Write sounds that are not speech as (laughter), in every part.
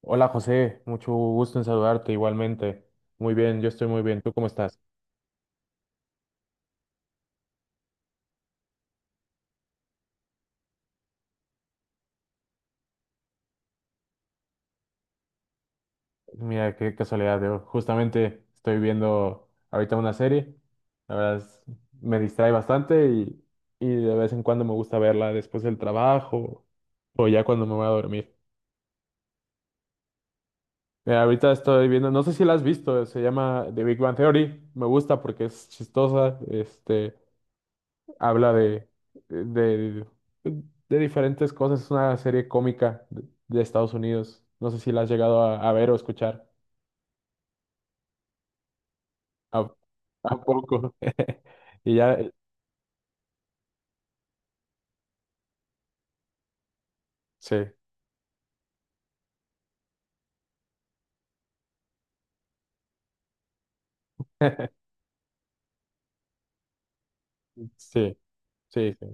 Hola José, mucho gusto en saludarte igualmente. Muy bien, yo estoy muy bien. ¿Tú cómo estás? Mira, qué casualidad. Yo justamente estoy viendo ahorita una serie. La verdad es- Me distrae bastante y de vez en cuando me gusta verla después del trabajo o ya cuando me voy a dormir. Mira, ahorita estoy viendo, no sé si la has visto, se llama The Big Bang Theory. Me gusta porque es chistosa. Este, habla de, de diferentes cosas. Es una serie cómica de Estados Unidos. No sé si la has llegado a ver o escuchar. ¿A, a poco? (laughs) Y ya, sí, (laughs) sí, sí, sí.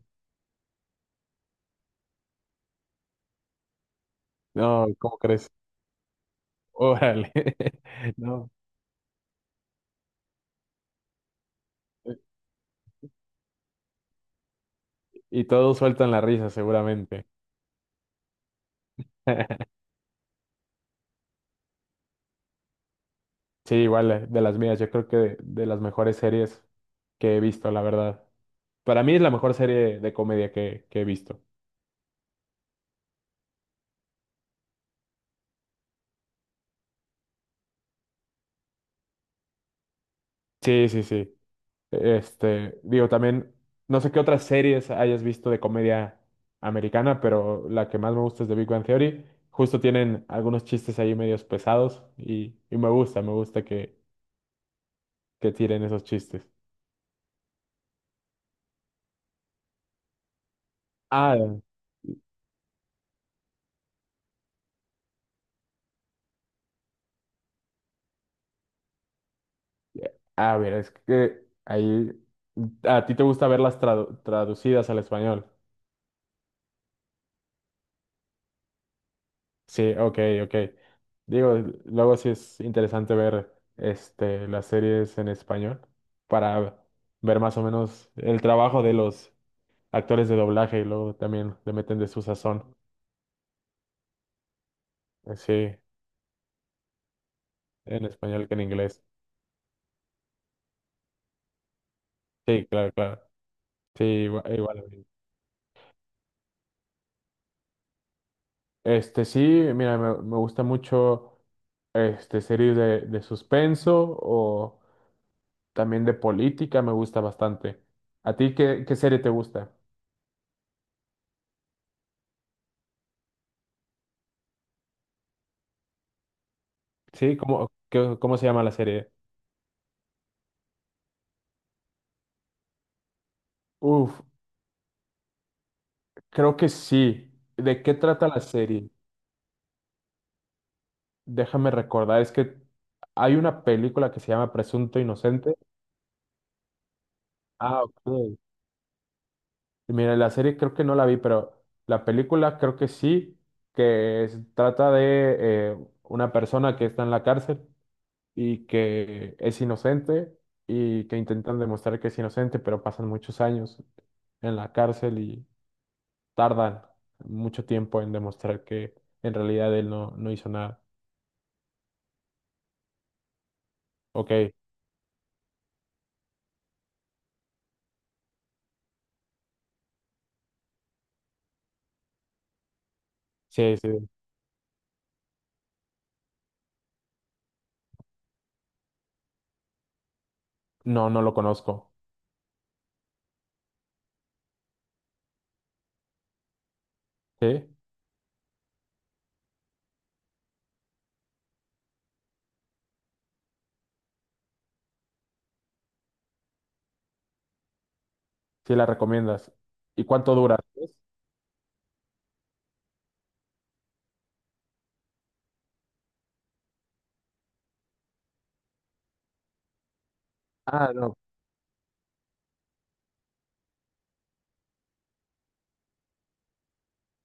No, ¿cómo crees? Órale. (laughs) No. Y todos sueltan la risa, seguramente. (laughs) Sí, igual, de las mías, yo creo que de las mejores series que he visto, la verdad. Para mí es la mejor serie de comedia que he visto. Sí, sí, sí. Este, digo, también, no sé qué otras series hayas visto de comedia americana, pero la que más me gusta es The Big Bang Theory. Justo tienen algunos chistes ahí medios pesados y me gusta que tiren esos chistes. Ah, ya. A ver, es que ahí, ¿a ti te gusta verlas traducidas al español? Sí, ok, ok. Digo, luego sí es interesante ver este, las series en español para ver más o menos el trabajo de los actores de doblaje y luego también le meten de su sazón. Sí, en español que en inglés. Sí, claro, claro. Sí, igual. A mí. Este, sí, mira, me gusta mucho este series de suspenso o también de política, me gusta bastante. ¿A ti qué, qué serie te gusta? Sí, ¿cómo, cómo se llama la serie? Uf, creo que sí. ¿De qué trata la serie? Déjame recordar, es que hay una película que se llama Presunto Inocente. Ah, ok. Mira, la serie creo que no la vi, pero la película creo que sí, trata de eh, una persona que está en la cárcel y que es inocente y que intentan demostrar que es inocente, pero pasan muchos años en la cárcel y tardan mucho tiempo en demostrar que en realidad él no, no hizo nada. Ok, sí, sí, no, no lo conozco. ¿Sí? Sí la recomiendas. ¿Y cuánto dura? Ah, no.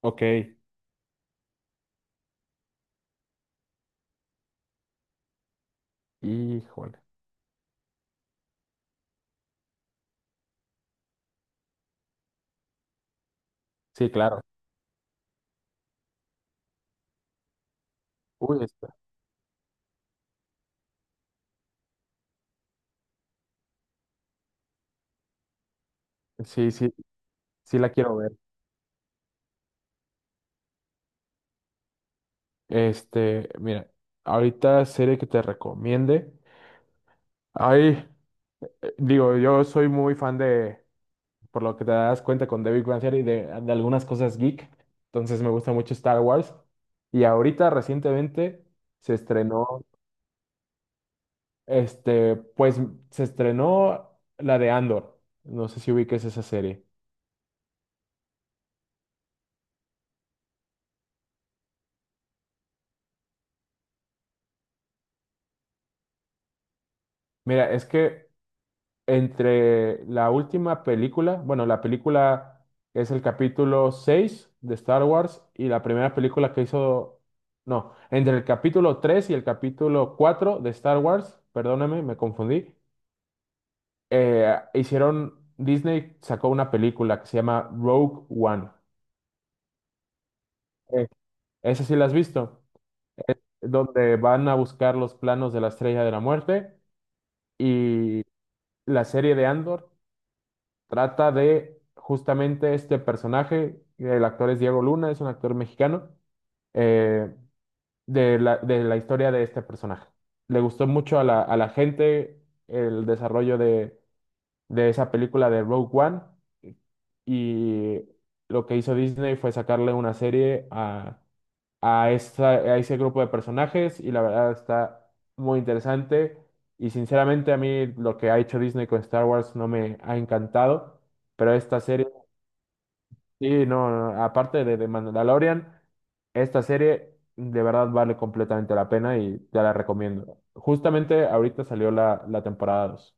Ok, híjole. Sí, claro. Uy, esta. Sí, sí, sí la quiero ver. Este, mira, ahorita serie que te recomiende. Ay, digo, yo soy muy fan de, por lo que te das cuenta con David Big Bang Theory, de algunas cosas geek. Entonces me gusta mucho Star Wars. Y ahorita recientemente se estrenó, este, pues se estrenó la de Andor. No sé si ubiques esa serie. Mira, es que entre la última película, bueno, la película es el capítulo 6 de Star Wars y la primera película que hizo, no, entre el capítulo 3 y el capítulo 4 de Star Wars, perdóname, me confundí, hicieron, Disney sacó una película que se llama Rogue One. Eh, esa sí la has visto, donde van a buscar los planos de la Estrella de la Muerte y la serie de Andor trata de justamente este personaje, el actor es Diego Luna, es un actor mexicano, eh, de la historia de este personaje. Le gustó mucho a la gente el desarrollo de esa película de Rogue One y lo que hizo Disney fue sacarle una serie a ese grupo de personajes y la verdad está muy interesante y sinceramente a mí lo que ha hecho Disney con Star Wars no me ha encantado pero esta serie. Sí, no, no, no, aparte de Mandalorian, esta serie de verdad vale completamente la pena y te la recomiendo. Justamente ahorita salió la temporada 2.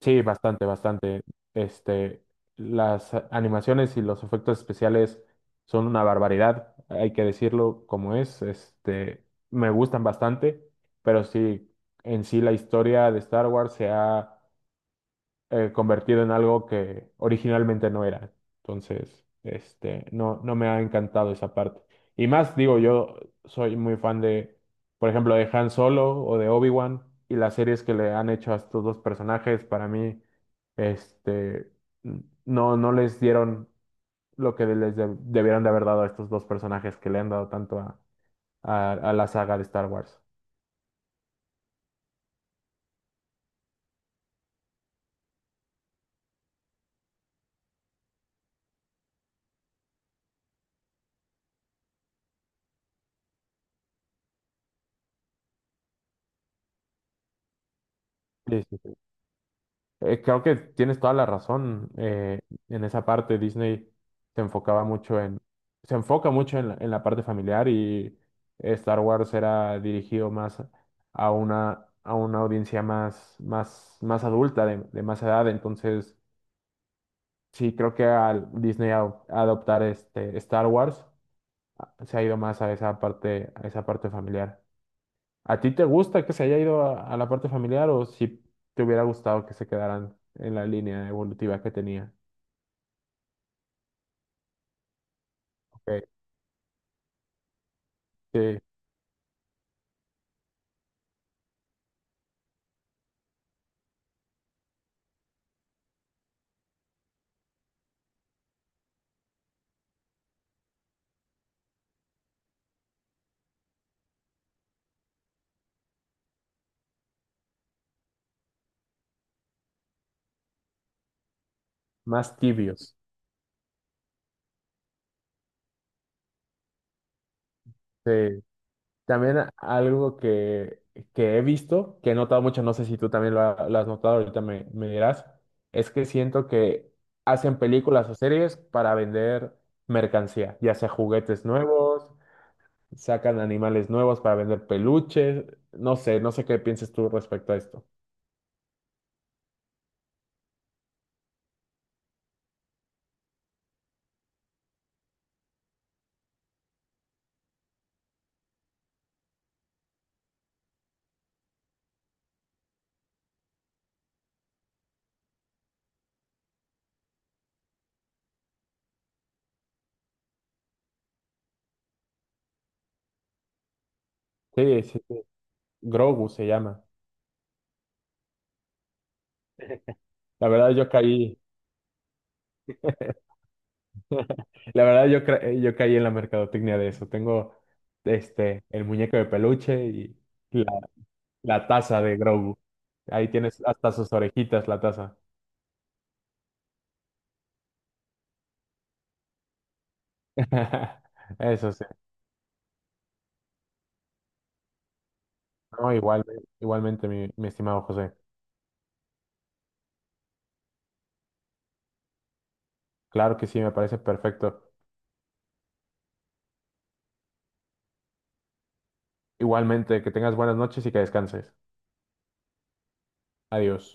Sí, bastante, bastante. Este, las animaciones y los efectos especiales son una barbaridad, hay que decirlo como es. Este, me gustan bastante, pero sí, en sí la historia de Star Wars se ha convertido en algo que originalmente no era. Entonces, este, no, no me ha encantado esa parte. Y más, digo, yo soy muy fan de, por ejemplo, de Han Solo o de Obi-Wan y las series que le han hecho a estos dos personajes, para mí, este, no, no les dieron lo que les debieron de haber dado a estos dos personajes que le han dado tanto a la saga de Star Wars. Sí, sí, sí. Creo que tienes toda la razón. Eh, en esa parte, Disney se enfocaba mucho en, se enfoca mucho en la parte familiar y Star Wars era dirigido más a una audiencia más, más, más adulta, de más edad. Entonces, sí, creo que al Disney adoptar este Star Wars se ha ido más a esa parte familiar. ¿A ti te gusta que se haya ido a la parte familiar o si te hubiera gustado que se quedaran en la línea evolutiva que tenía? Eh, sí, más tibios. Sí. También algo que he visto, que he notado mucho, no sé si tú también lo, lo has notado, ahorita me, me dirás, es que siento que hacen películas o series para vender mercancía, ya sea juguetes nuevos, sacan animales nuevos para vender peluches, no sé, no sé qué pienses tú respecto a esto. Sí, sí, sí, Grogu se llama. La verdad yo caí. La verdad, yo, yo caí en la mercadotecnia de eso. Tengo este, el muñeco de peluche y la, la taza de Grogu. Ahí tienes hasta sus orejitas, la taza. (laughs) Eso sí. No, igual, igualmente, mi estimado José. Claro que sí, me parece perfecto. Igualmente, que tengas buenas noches y que descanses. Adiós.